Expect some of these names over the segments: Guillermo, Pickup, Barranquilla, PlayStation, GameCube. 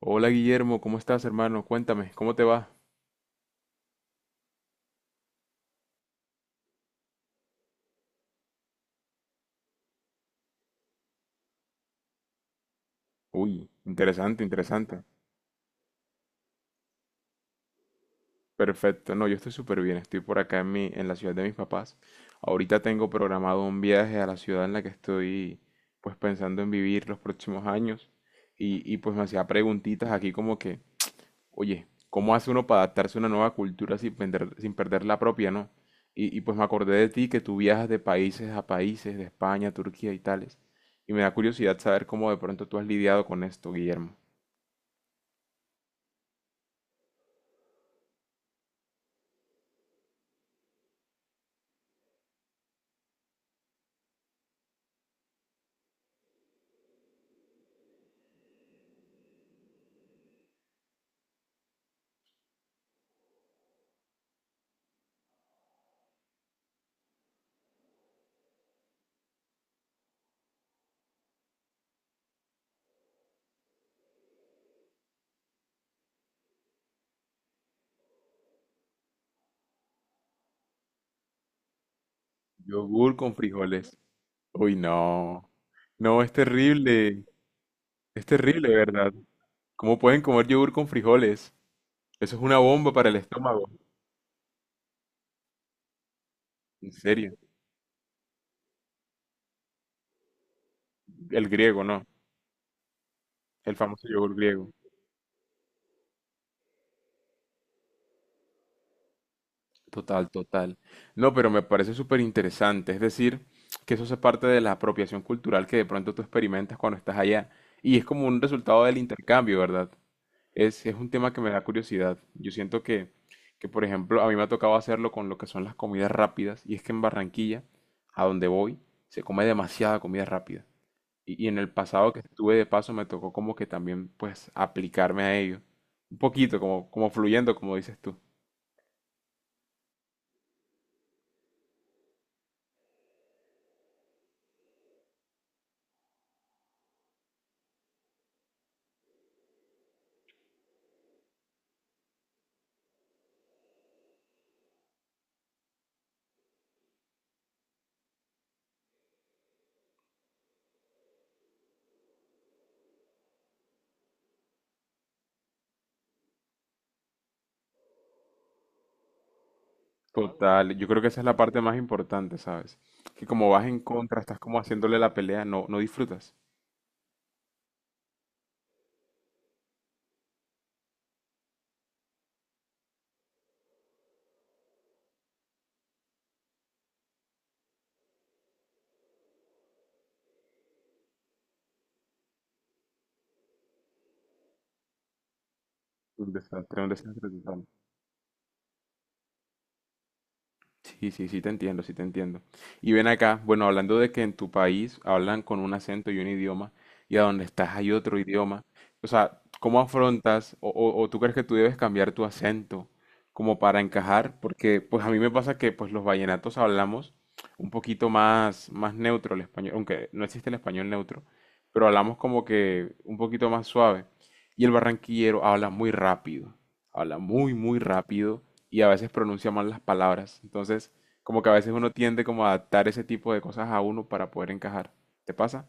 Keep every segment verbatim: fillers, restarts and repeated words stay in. Hola Guillermo, ¿cómo estás, hermano? Cuéntame, ¿cómo te va? Uy, interesante, interesante. Perfecto, no, yo estoy súper bien, estoy por acá en mi, en la ciudad de mis papás. Ahorita tengo programado un viaje a la ciudad en la que estoy, pues pensando en vivir los próximos años. Y, y pues me hacía preguntitas aquí como que. Oye, ¿cómo hace uno para adaptarse a una nueva cultura sin perder, sin perder la propia, no? Y, y pues me acordé de ti que tú viajas de países a países, de España, Turquía y tales. Y me da curiosidad saber cómo de pronto tú has lidiado con esto, Guillermo. Yogur con frijoles. Uy, no. No, es terrible. Es terrible, ¿verdad? ¿Cómo pueden comer yogur con frijoles? Eso es una bomba para el estómago. En serio. El griego, ¿no? El famoso yogur griego. Total, total. No, pero me parece súper interesante. Es decir, que eso es parte de la apropiación cultural que de pronto tú experimentas cuando estás allá. Y es como un resultado del intercambio, ¿verdad? Es, es un tema que me da curiosidad. Yo siento que, que, por ejemplo, a mí me ha tocado hacerlo con lo que son las comidas rápidas. Y es que en Barranquilla, a donde voy, se come demasiada comida rápida. Y, y en el pasado que estuve de paso me tocó como que también, pues, aplicarme a ello. Un poquito, como, como fluyendo, como dices tú. Total, yo creo que esa es la parte más importante, ¿sabes? Que como vas en contra, estás como haciéndole la pelea, no, no disfrutas. Un desastre, un desastre total. Sí, sí, sí te entiendo, sí te entiendo. Y ven acá, bueno, hablando de que en tu país hablan con un acento y un idioma, y a donde estás hay otro idioma, o sea, ¿cómo afrontas o, o- o tú crees que tú debes cambiar tu acento como para encajar? Porque pues a mí me pasa que pues los vallenatos hablamos un poquito más, más neutro el español, aunque no existe el español neutro, pero hablamos como que un poquito más suave. Y el barranquillero habla muy rápido. Habla muy, muy rápido y a veces pronuncia mal las palabras. Entonces, como que a veces uno tiende como a adaptar ese tipo de cosas a uno para poder encajar. ¿Te pasa?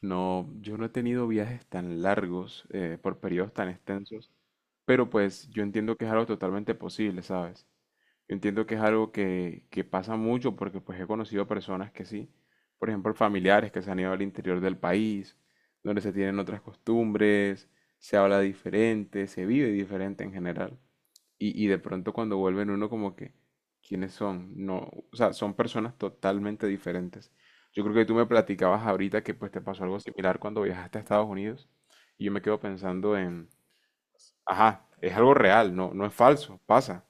No, yo no he tenido viajes tan largos, eh, por periodos tan extensos, pero pues yo entiendo que es algo totalmente posible, ¿sabes? Yo entiendo que es algo que, que pasa mucho porque pues he conocido personas que sí, por ejemplo, familiares que se han ido al interior del país, donde se tienen otras costumbres, se habla diferente, se vive diferente en general. Y, y de pronto cuando vuelven uno como que, ¿quiénes son? No, o sea, son personas totalmente diferentes. Yo creo que tú me platicabas ahorita que pues te pasó algo similar cuando viajaste a Estados Unidos y yo me quedo pensando en, ajá, es algo real, no, no es falso, pasa.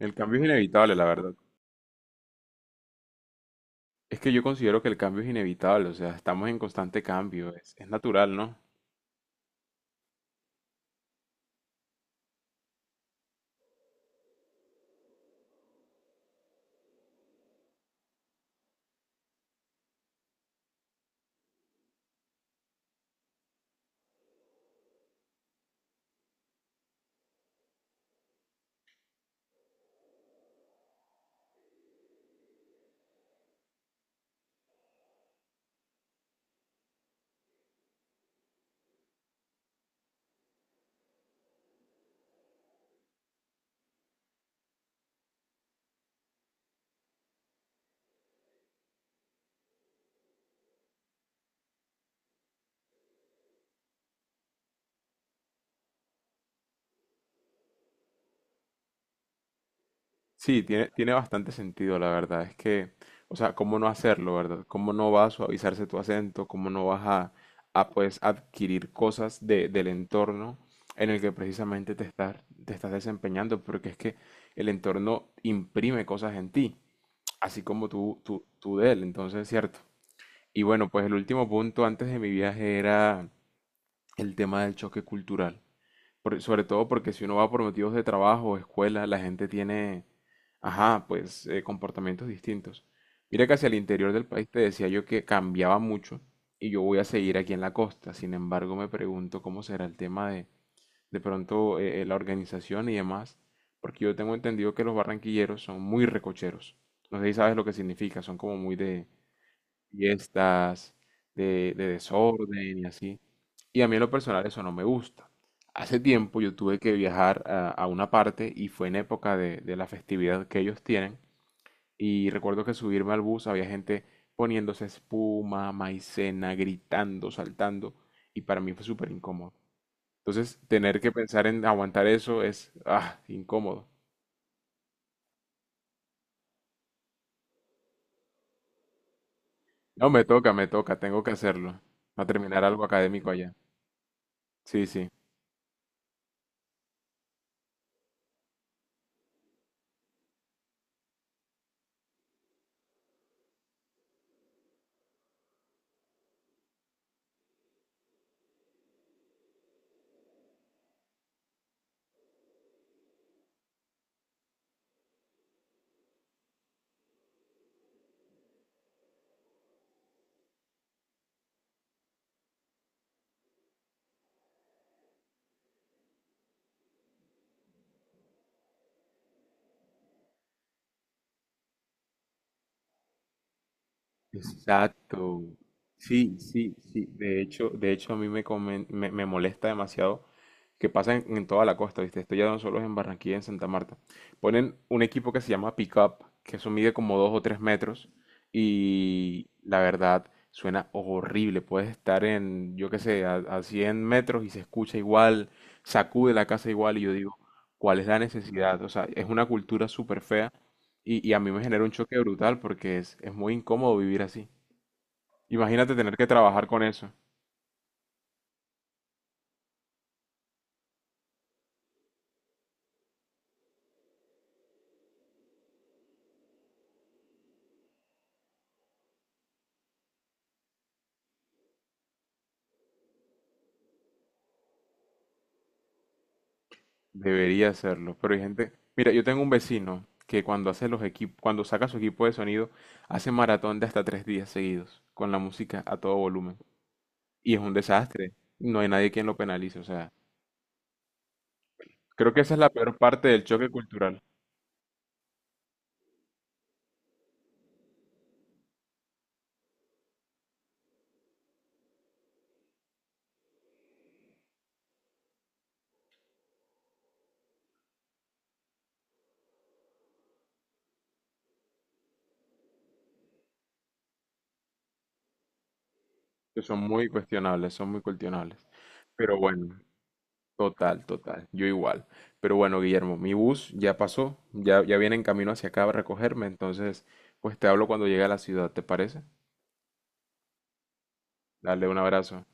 El cambio es inevitable, la verdad. Es que yo considero que el cambio es inevitable, o sea, estamos en constante cambio, es, es natural, ¿no? Sí, tiene, tiene bastante sentido, la verdad. Es que, o sea, ¿cómo no hacerlo, verdad? ¿Cómo no vas a suavizarse tu acento? ¿Cómo no vas a, a, pues, adquirir cosas de- del entorno en el que precisamente te estás, te estás desempeñando? Porque es que el entorno imprime cosas en ti, así como tú, tú, tú de él, entonces, ¿cierto? Y bueno, pues el último punto antes de mi viaje era el tema del choque cultural por- sobre todo porque si uno va por motivos de trabajo o escuela, la gente tiene, ajá, pues eh, comportamientos distintos. Mira que hacia el interior del país te decía yo que cambiaba mucho y yo voy a seguir aquí en la costa. Sin embargo, me pregunto cómo será el tema de, de pronto eh, eh, la organización y demás, porque yo tengo entendido que los barranquilleros son muy recocheros. No sé si sabes lo que significa, son como muy de fiestas, de, de desorden y así. Y a mí en lo personal eso no me gusta. Hace tiempo yo tuve que viajar a, a una parte y fue en época de, de la festividad que ellos tienen. Y recuerdo que subirme al bus había gente poniéndose espuma, maicena, gritando, saltando. Y para mí fue súper incómodo. Entonces, tener que pensar en aguantar eso es, ah, incómodo. No, me toca, me toca, tengo que hacerlo. Va a terminar algo académico allá. Sí, sí. Exacto. Sí, sí, sí. De hecho, de hecho a mí me, comen- me, me molesta demasiado que pasa en, en toda la costa, ¿viste? Esto ya no solo es en Barranquilla, en Santa Marta. Ponen un equipo que se llama Pickup, que eso mide como dos o tres metros y la verdad suena horrible. Puedes estar en, yo qué sé, a, a cien metros y se escucha igual, sacude la casa igual y yo digo, ¿cuál es la necesidad? O sea, es una cultura súper fea y, y a mí me genera un choque brutal porque es, es muy incómodo vivir así. Imagínate tener que trabajar con eso. Debería hacerlo. Pero hay gente. Mira, yo tengo un vecino que cuando hace los equipos, cuando saca su equipo de sonido, hace maratón de hasta tres días seguidos, con la música a todo volumen. Y es un desastre. No hay nadie quien lo penalice. O sea, creo que esa es la peor parte del choque cultural, que son muy cuestionables, son muy cuestionables. Pero bueno, total, total, yo igual. Pero bueno, Guillermo, mi bus ya pasó, ya, ya viene en camino hacia acá a recogerme, entonces pues te hablo cuando llegue a la ciudad, ¿te parece? Dale un abrazo.